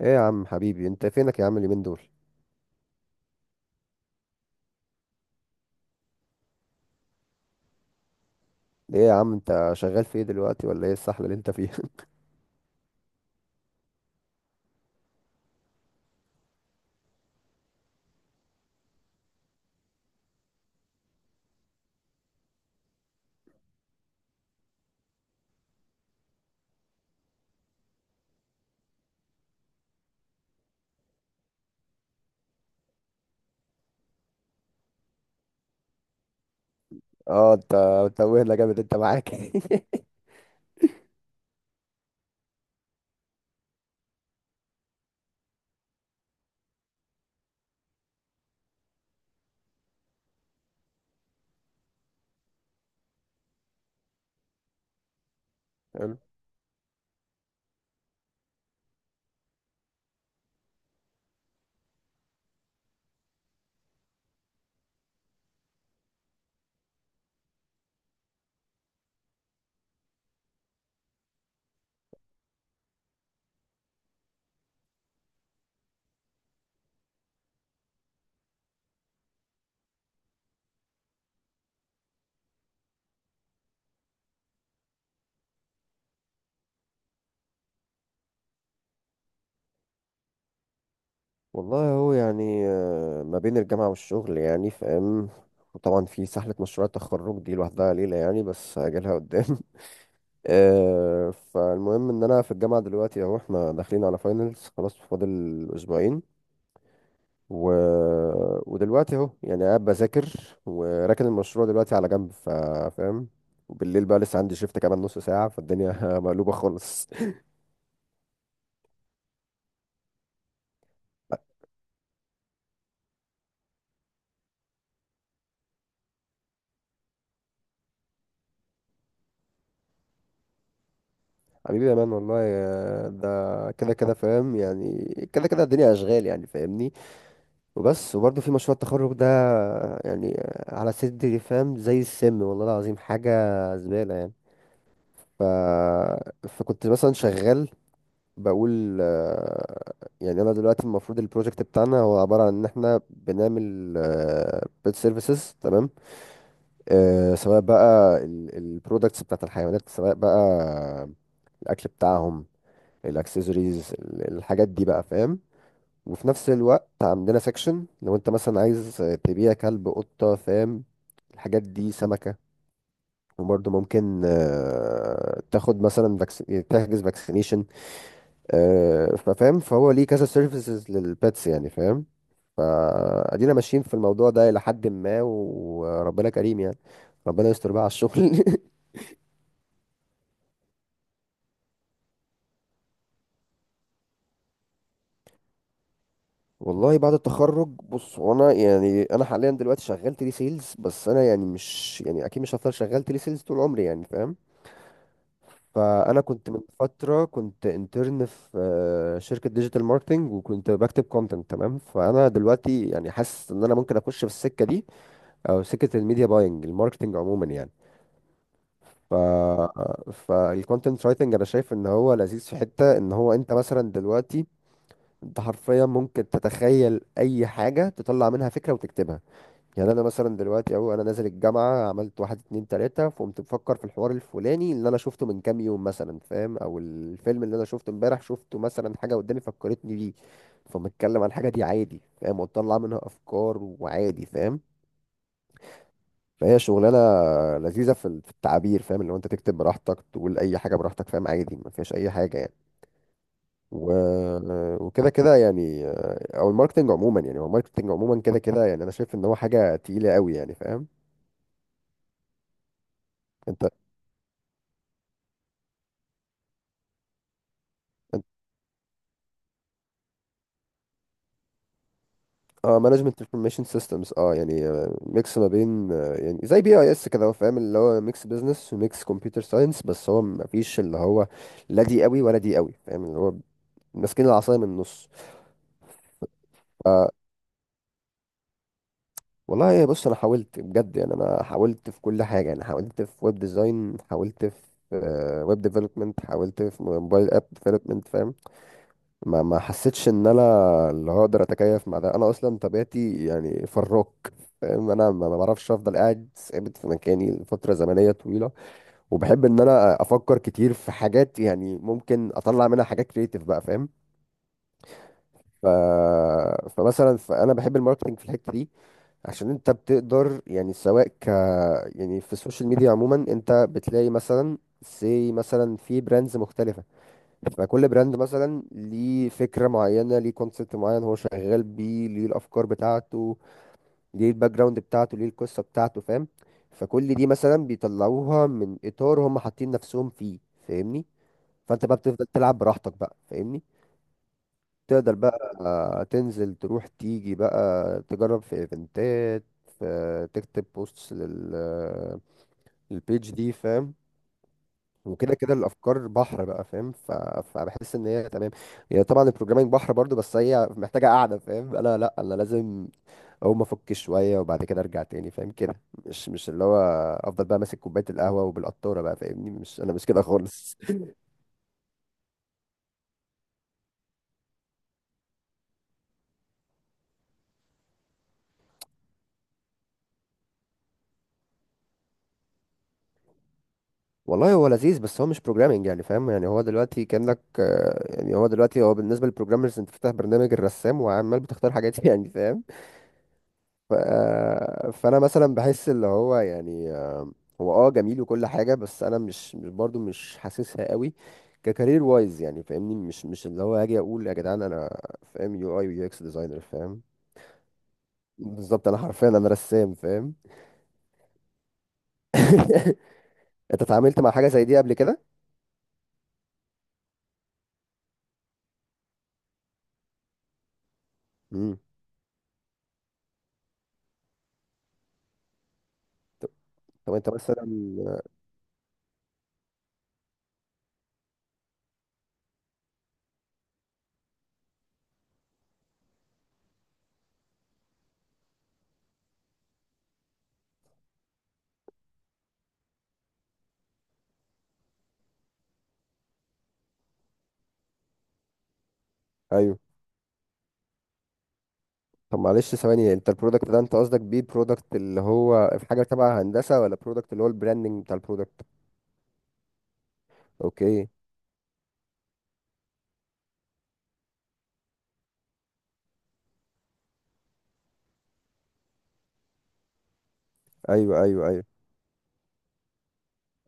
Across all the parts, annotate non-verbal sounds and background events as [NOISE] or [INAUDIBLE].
ايه يا عم حبيبي، انت فينك يا عم اليومين دول؟ ايه يا عم انت شغال في ايه دلوقتي؟ ولا ايه السحله اللي انت فيها؟ [LAUGHS] اه، انت متوهنا جامد انت معاك. [LAUGHS] حلو. والله هو يعني، ما بين الجامعه والشغل يعني فاهم. وطبعا في سحله مشروع التخرج دي لوحدها ليله يعني، بس هاجلها قدام. [LAUGHS] فالمهم ان انا في الجامعه دلوقتي اهو، احنا داخلين على فاينلز خلاص، فاضل اسبوعين. و... ودلوقتي اهو يعني قاعد بذاكر، وراكن المشروع دلوقتي على جنب فاهم. وبالليل بقى لسه عندي شيفت كمان نص ساعة، فالدنيا [LAUGHS] مقلوبة خالص. حبيبي يا مان والله ده كده كده فاهم يعني، كده كده الدنيا أشغال يعني فاهمني. وبس، وبرضه في مشروع التخرج ده يعني على صدري فاهم زي السم والله العظيم، حاجة زبالة يعني. ف... فكنت مثلا شغال بقول يعني انا دلوقتي المفروض البروجكت بتاعنا هو عباره عن ان احنا بنعمل بيت سيرفيسز تمام. سواء بقى البرودكتس بتاعت الحيوانات، سواء بقى الاكل بتاعهم، الاكسسوارز، الحاجات دي بقى فاهم. وفي نفس الوقت عندنا سيكشن لو انت مثلا عايز تبيع كلب، قطه فاهم، الحاجات دي، سمكه. وبرضه ممكن تاخد مثلا تحجز فاكسينيشن. ففاهم، فهو ليه كذا سيرفيسز للبيتس يعني فاهم. فادينا ماشيين في الموضوع ده الى حد ما وربنا كريم يعني، ربنا يستر بقى على الشغل. [LAUGHS] والله بعد التخرج بص هو انا يعني انا حاليا دلوقتي شغال تيلي سيلز، بس انا يعني مش يعني اكيد مش هفضل شغال تيلي سيلز طول عمري يعني فاهم. فانا كنت من فتره كنت انترن في شركه ديجيتال ماركتنج وكنت بكتب كونتنت تمام، فانا دلوقتي يعني حاسس ان انا ممكن اخش في السكه دي، او سكه الميديا باينج، الماركتنج عموما يعني. ف فالكونتنت رايتنج انا شايف ان هو لذيذ في حته ان هو انت مثلا دلوقتي انت حرفيا ممكن تتخيل اي حاجه تطلع منها فكره وتكتبها. يعني انا مثلا دلوقتي اهو انا نازل الجامعه، عملت واحد اتنين تلاته، فقمت بفكر في الحوار الفلاني اللي انا شفته من كام يوم مثلا فاهم، او الفيلم اللي انا شفته امبارح شفته مثلا، حاجه قدامي فكرتني بيه. فبتكلم عن الحاجه دي عادي فاهم، وتطلع منها افكار وعادي فاهم. فهي شغلانه لذيذه في في التعبير فاهم، اللي هو انت تكتب براحتك، تقول اي حاجه براحتك فاهم، عادي ما فيهاش اي حاجه يعني. و... وكده كده يعني او الماركتنج عموما يعني، هو الماركتنج عموما كده كده [LAUGHS] يعني انا شايف ان هو حاجه تقيله قوي يعني فاهم. انت. انت. اه، مانجمنت انفورميشن سيستمز اه يعني، ميكس ما بين يعني زي بي اي اس كده هو فاهم، اللي هو ميكس بزنس وميكس كمبيوتر ساينس، بس هو ما فيش اللي هو لا دي قوي ولا دي قوي فاهم، اللي هو ماسكين العصايه من النص. والله بص انا حاولت بجد يعني، انا حاولت في كل حاجه يعني، حاولت في ويب ديزاين، حاولت في ويب ديفلوبمنت، حاولت في موبايل اب ديفلوبمنت فاهم. ما حسيتش ان انا اللي هقدر اتكيف مع ده، انا اصلا طبيعتي يعني فراك فاهم، انا ما بعرفش افضل قاعد ثابت في مكاني لفتره زمنيه طويله. وبحب ان انا افكر كتير في حاجات يعني ممكن اطلع منها حاجات كريتيف بقى فاهم. ف... فمثلا فانا بحب الماركتنج في الحته دي عشان انت بتقدر يعني، سواء يعني في السوشيال ميديا عموما انت بتلاقي مثلا سي مثلا في براندز مختلفة. فكل براند مثلا ليه فكرة معينة، ليه كونسبت معين هو شغال بيه، ليه الأفكار بتاعته، ليه الباك جراوند بتاعته، ليه القصة بتاعته فاهم. فكل دي مثلا بيطلعوها من إطار هم حاطين نفسهم فيه فاهمني. فانت بقى بتفضل تلعب براحتك بقى فاهمني. تقدر بقى تنزل تروح تيجي بقى، تجرب في ايفنتات، تكتب بوستس لل للبيج دي فاهم. وكده كده الافكار بحر بقى فاهم. فبحس ان هي تمام. هي طبعا البروجرامينج بحر برضو، بس هي محتاجه قاعده فاهم. انا لا، انا لازم اقوم افك شويه وبعد كده ارجع تاني فاهم كده. مش اللي هو افضل بقى ماسك كوبايه القهوه وبالقطاره بقى فاهمني، مش انا مش كده خالص. والله هو لذيذ بس هو مش بروجرامنج يعني فاهم، يعني هو دلوقتي كأنك يعني هو دلوقتي هو بالنسبة للبروجرامرز انت فاتح برنامج الرسام وعمال بتختار حاجات [LAUGHS] يعني فاهم. ف... آه، فانا مثلا بحس اللي هو يعني هو جميل وكل حاجة، بس انا مش مش برضو مش حاسسها قوي ككارير وايز يعني فاهمني. مش اللي هو هاجي اقول يا جدعان انا فاهم يو اي ويو اكس ديزاينر فاهم. بالظبط انا حرفيا انا رسام فاهم. [LAUGHS] انت اتعاملت مع حاجة زي دي قبل كده؟ امم. طب طب انت مثلا ايوه. طب معلش ثواني، انت البرودكت ده انت قصدك بيه البرودكت اللي هو في حاجه تبع هندسه، ولا برودكت اللي هو البراندنج بتاع البرودكت؟ اوكي. ايوه ايوه ايوه.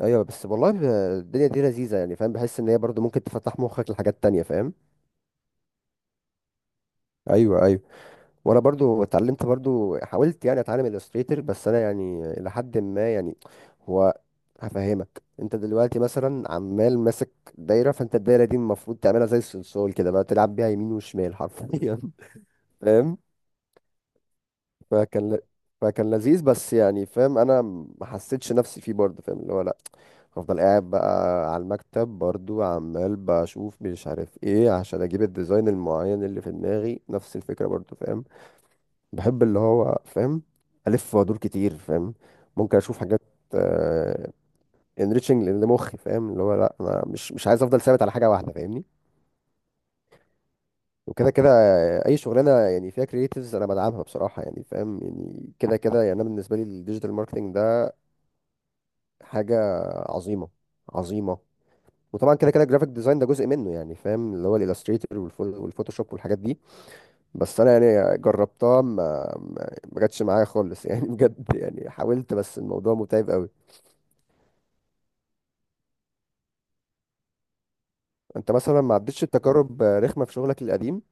ايوه بس والله الدنيا دي لذيذه يعني فاهم، بحس ان هي برضو ممكن تفتح مخك لحاجات تانية فاهم. ايوه ايوه. وانا برضو اتعلمت، برضو حاولت يعني اتعلم الستريتور، بس انا يعني لحد ما يعني، هو هفهمك انت دلوقتي مثلا عمال ماسك دايره، فانت الدايره دي المفروض تعملها زي الصلصال كده بقى، تلعب بيها يمين وشمال حرفيا. [LAUGHS] فاهم. فكان ل... فكان لذيذ بس يعني فاهم، انا ما حسيتش نفسي فيه برضه فاهم اللي هو لا، هفضل قاعد بقى على المكتب برضه عمال بشوف مش عارف ايه عشان اجيب الديزاين المعين اللي في دماغي نفس الفكره برضه فاهم. بحب اللي هو فاهم الف وادور كتير فاهم. ممكن اشوف حاجات انريتشنج لمخي فاهم، اللي هو لا انا مش عايز افضل ثابت على حاجه واحده فاهمني. وكده كده اي شغلانه يعني فيها كرييتيفز انا بدعمها بصراحه يعني فاهم، يعني كده كده يعني انا بالنسبه لي الديجيتال ماركتنج حاجة عظيمة، عظيمة. وطبعا كده كده الجرافيك ديزاين ده جزء منه يعني فاهم، اللي هو الالستريتور والفوتوشوب والحاجات دي، بس انا يعني جربتها ما جاتش معايا خالص يعني [LAUGHS] بجد يعني حاولت بس الموضوع متعب قوي. انت مثلا ما عدتش التجارب رخمة في شغلك القديم؟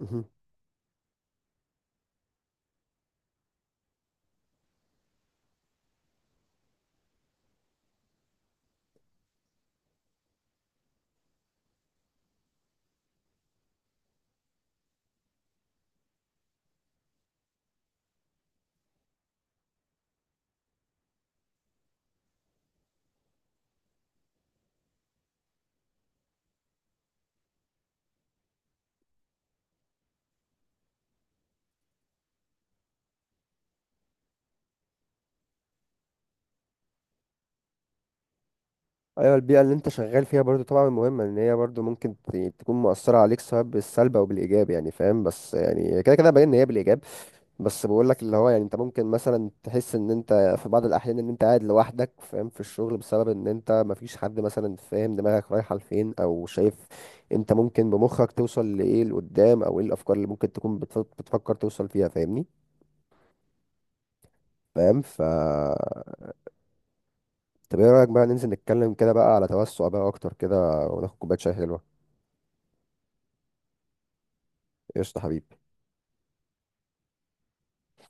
مهم. ايوه، البيئة اللي انت شغال فيها برضو طبعا مهمة، ان هي برضو ممكن تكون مؤثرة عليك سواء بالسلب او بالايجاب يعني فاهم، بس يعني كده كده باين ان هي بالايجاب. بس بقول لك اللي هو يعني انت ممكن مثلا تحس ان انت في بعض الاحيان ان انت قاعد لوحدك فاهم في الشغل، بسبب ان انت مفيش حد مثلا فاهم دماغك رايحه لفين او شايف انت ممكن بمخك توصل لايه لقدام، او ايه الافكار اللي ممكن تكون بتفكر توصل فيها فاهمني. فاهم ف طب ايه رايك بقى ننزل نتكلم كده بقى على توسع بقى اكتر كده، وناخد كوبايه شاي حلوه. قشطه حبيبي.